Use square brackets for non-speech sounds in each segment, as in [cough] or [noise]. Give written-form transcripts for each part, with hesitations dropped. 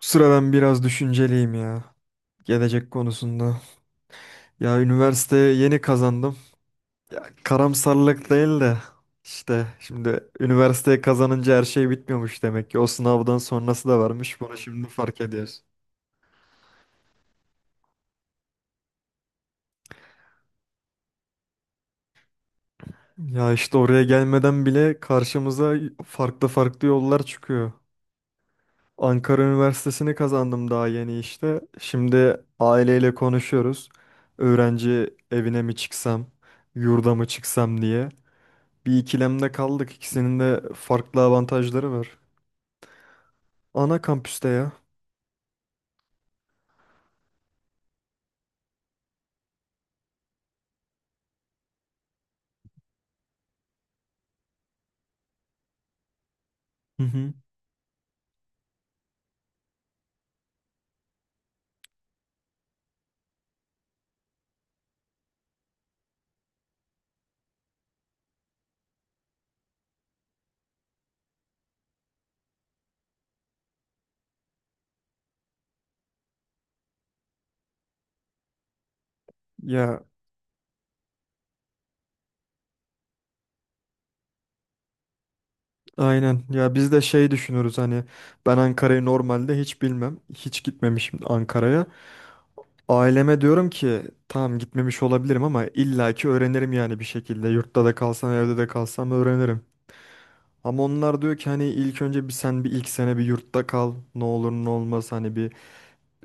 Sıra ben biraz düşünceliyim ya. Gelecek konusunda. Ya üniversiteye yeni kazandım. Ya karamsarlık değil de işte şimdi üniversiteye kazanınca her şey bitmiyormuş demek ki. O sınavdan sonrası da varmış. Bunu şimdi fark ediyoruz. Ya işte oraya gelmeden bile karşımıza farklı farklı yollar çıkıyor. Ankara Üniversitesi'ni kazandım daha yeni işte. Şimdi aileyle konuşuyoruz. Öğrenci evine mi çıksam, yurda mı çıksam diye. Bir ikilemde kaldık. İkisinin de farklı avantajları var. Ana kampüste ya. Hı hı. Ya aynen. Ya biz de şey düşünürüz hani ben Ankara'yı normalde hiç bilmem. Hiç gitmemişim Ankara'ya. Aileme diyorum ki tamam gitmemiş olabilirim ama illaki öğrenirim yani bir şekilde. Yurtta da kalsam evde de kalsam öğrenirim. Ama onlar diyor ki hani ilk önce bir sen bir ilk sene bir yurtta kal. Ne olur ne olmaz hani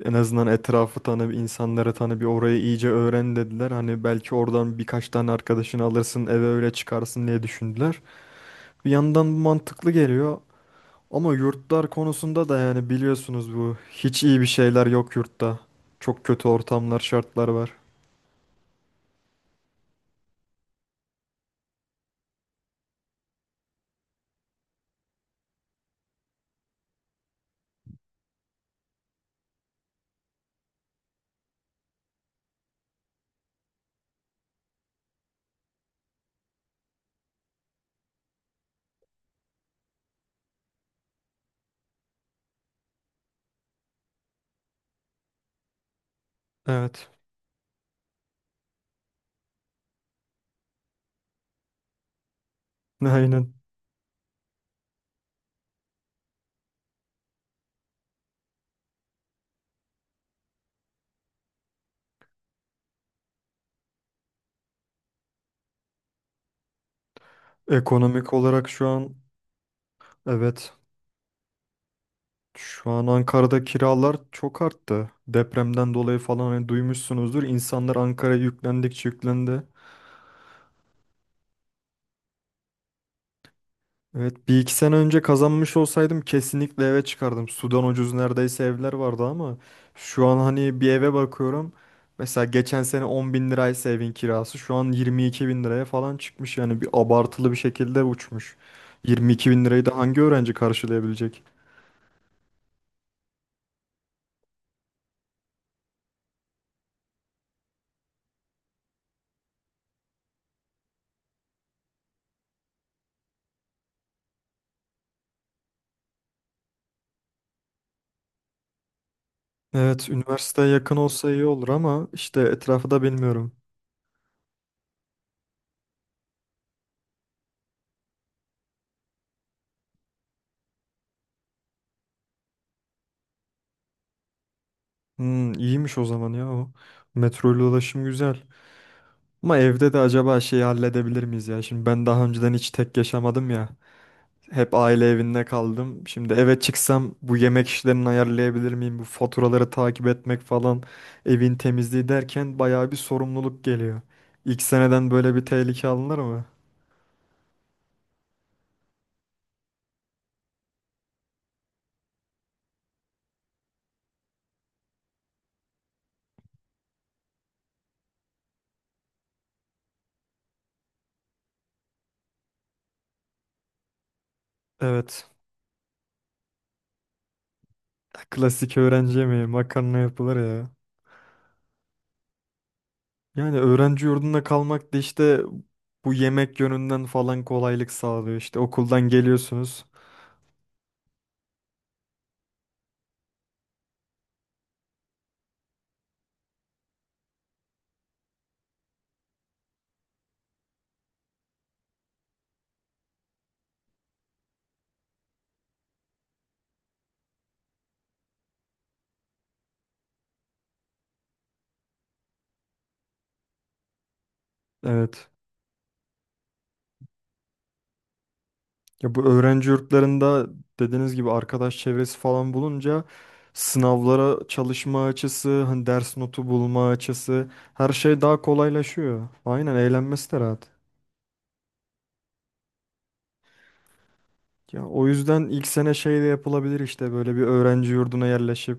en azından etrafı tanı, insanları tanı, bir orayı iyice öğren dediler. Hani belki oradan birkaç tane arkadaşını alırsın, eve öyle çıkarsın diye düşündüler. Bir yandan bu mantıklı geliyor. Ama yurtlar konusunda da yani biliyorsunuz bu hiç iyi bir şeyler yok yurtta. Çok kötü ortamlar, şartlar var. Evet. [laughs] Aynen. Ekonomik olarak şu an evet. Şu an Ankara'da kiralar çok arttı. Depremden dolayı falan hani duymuşsunuzdur. İnsanlar Ankara'ya yüklendikçe yüklendi. Evet bir iki sene önce kazanmış olsaydım kesinlikle eve çıkardım. Sudan ucuz neredeyse evler vardı ama şu an hani bir eve bakıyorum. Mesela geçen sene 10 bin liraysa evin kirası şu an 22 bin liraya falan çıkmış. Yani bir abartılı bir şekilde uçmuş. 22 bin lirayı da hangi öğrenci karşılayabilecek? Evet üniversiteye yakın olsa iyi olur ama işte etrafı da bilmiyorum. Hmm, iyiymiş o zaman ya o. Metroyla ulaşım güzel. Ama evde de acaba şeyi halledebilir miyiz ya? Şimdi ben daha önceden hiç tek yaşamadım ya. Hep aile evinde kaldım. Şimdi eve çıksam bu yemek işlerini ayarlayabilir miyim? Bu faturaları takip etmek falan, evin temizliği derken bayağı bir sorumluluk geliyor. İlk seneden böyle bir tehlike alınır mı? Evet. Klasik öğrenci yemeği, makarna yapılır ya. Yani öğrenci yurdunda kalmak da işte bu yemek yönünden falan kolaylık sağlıyor. İşte okuldan geliyorsunuz. Evet. Ya bu öğrenci yurtlarında dediğiniz gibi arkadaş çevresi falan bulunca sınavlara çalışma açısı, hani ders notu bulma açısı her şey daha kolaylaşıyor. Aynen eğlenmesi de rahat. Ya o yüzden ilk sene şey de yapılabilir işte böyle bir öğrenci yurduna yerleşip.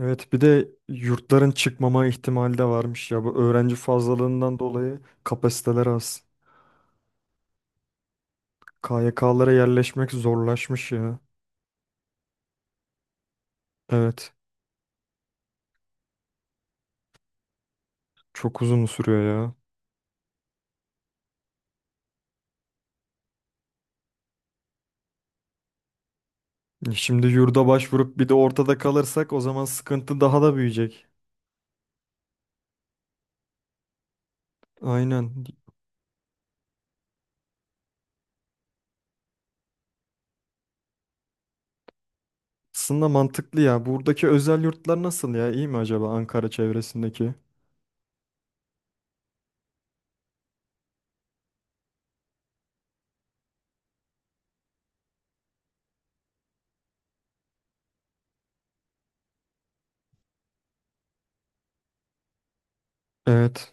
Evet bir de yurtların çıkmama ihtimali de varmış ya bu öğrenci fazlalığından dolayı kapasiteler az. KYK'lara yerleşmek zorlaşmış ya. Evet çok uzun sürüyor ya. Şimdi yurda başvurup bir de ortada kalırsak o zaman sıkıntı daha da büyüyecek. Aynen. Aslında mantıklı ya. Buradaki özel yurtlar nasıl ya? İyi mi acaba Ankara çevresindeki? Evet.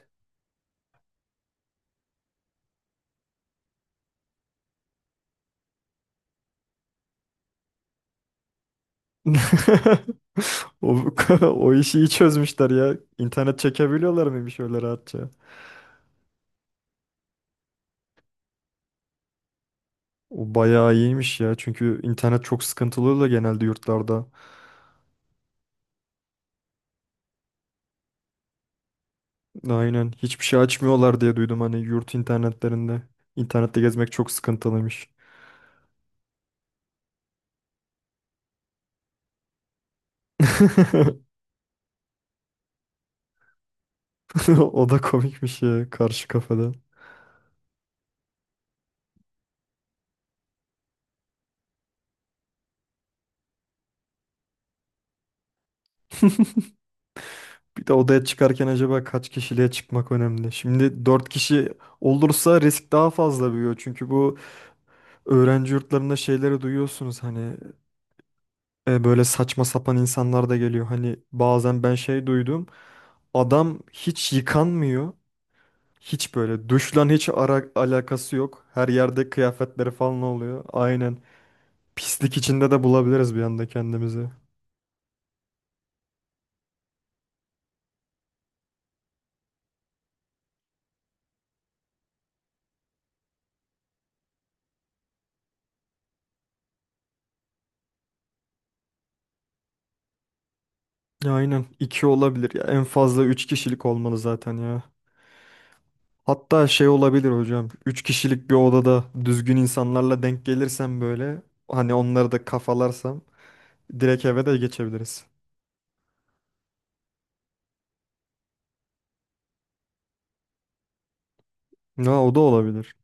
[laughs] O, [laughs] o işi iyi çözmüşler ya. İnternet çekebiliyorlar mıymış öyle rahatça? O bayağı iyiymiş ya. Çünkü internet çok sıkıntılı oluyor genelde yurtlarda. Aynen. Hiçbir şey açmıyorlar diye duydum hani yurt internetlerinde. İnternette gezmek çok sıkıntılıymış. [laughs] [laughs] O da komikmiş ya karşı kafada. Bir de odaya çıkarken acaba kaç kişiliğe çıkmak önemli? Şimdi 4 kişi olursa risk daha fazla büyüyor. Çünkü bu öğrenci yurtlarında şeyleri duyuyorsunuz hani böyle saçma sapan insanlar da geliyor. Hani bazen ben şey duydum. Adam hiç yıkanmıyor. Hiç böyle duşla hiç ara alakası yok. Her yerde kıyafetleri falan oluyor. Aynen. Pislik içinde de bulabiliriz bir anda kendimizi. Ya aynen 2 olabilir ya. En fazla 3 kişilik olmalı zaten ya. Hatta şey olabilir hocam. 3 kişilik bir odada düzgün insanlarla denk gelirsem böyle hani onları da kafalarsam direkt eve de geçebiliriz. Ya o da olabilir.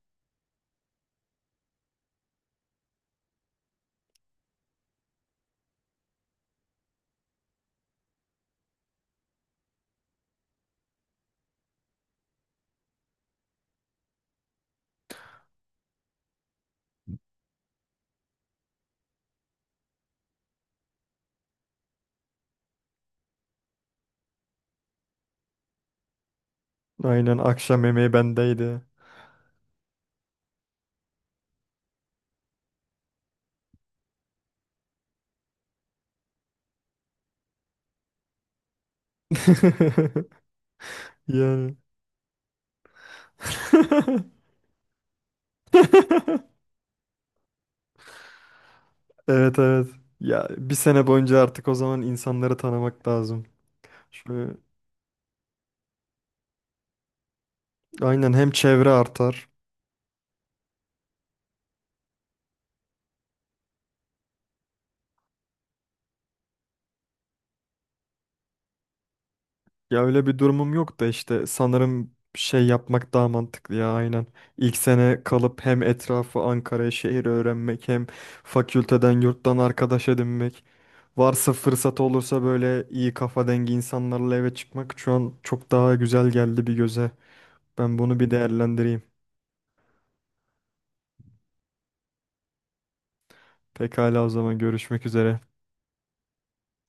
Aynen akşam yemeği bendeydi. [laughs] Yani. [laughs] Evet evet. Ya bir sene boyunca artık o zaman insanları tanımak lazım. Şöyle aynen hem çevre artar. Ya öyle bir durumum yok da işte sanırım şey yapmak daha mantıklı ya aynen. İlk sene kalıp hem etrafı Ankara'ya şehir öğrenmek hem fakülteden yurttan arkadaş edinmek. Varsa fırsat olursa böyle iyi kafa dengi insanlarla eve çıkmak şu an çok daha güzel geldi bir göze. Ben bunu bir değerlendireyim. Pekala o zaman görüşmek üzere.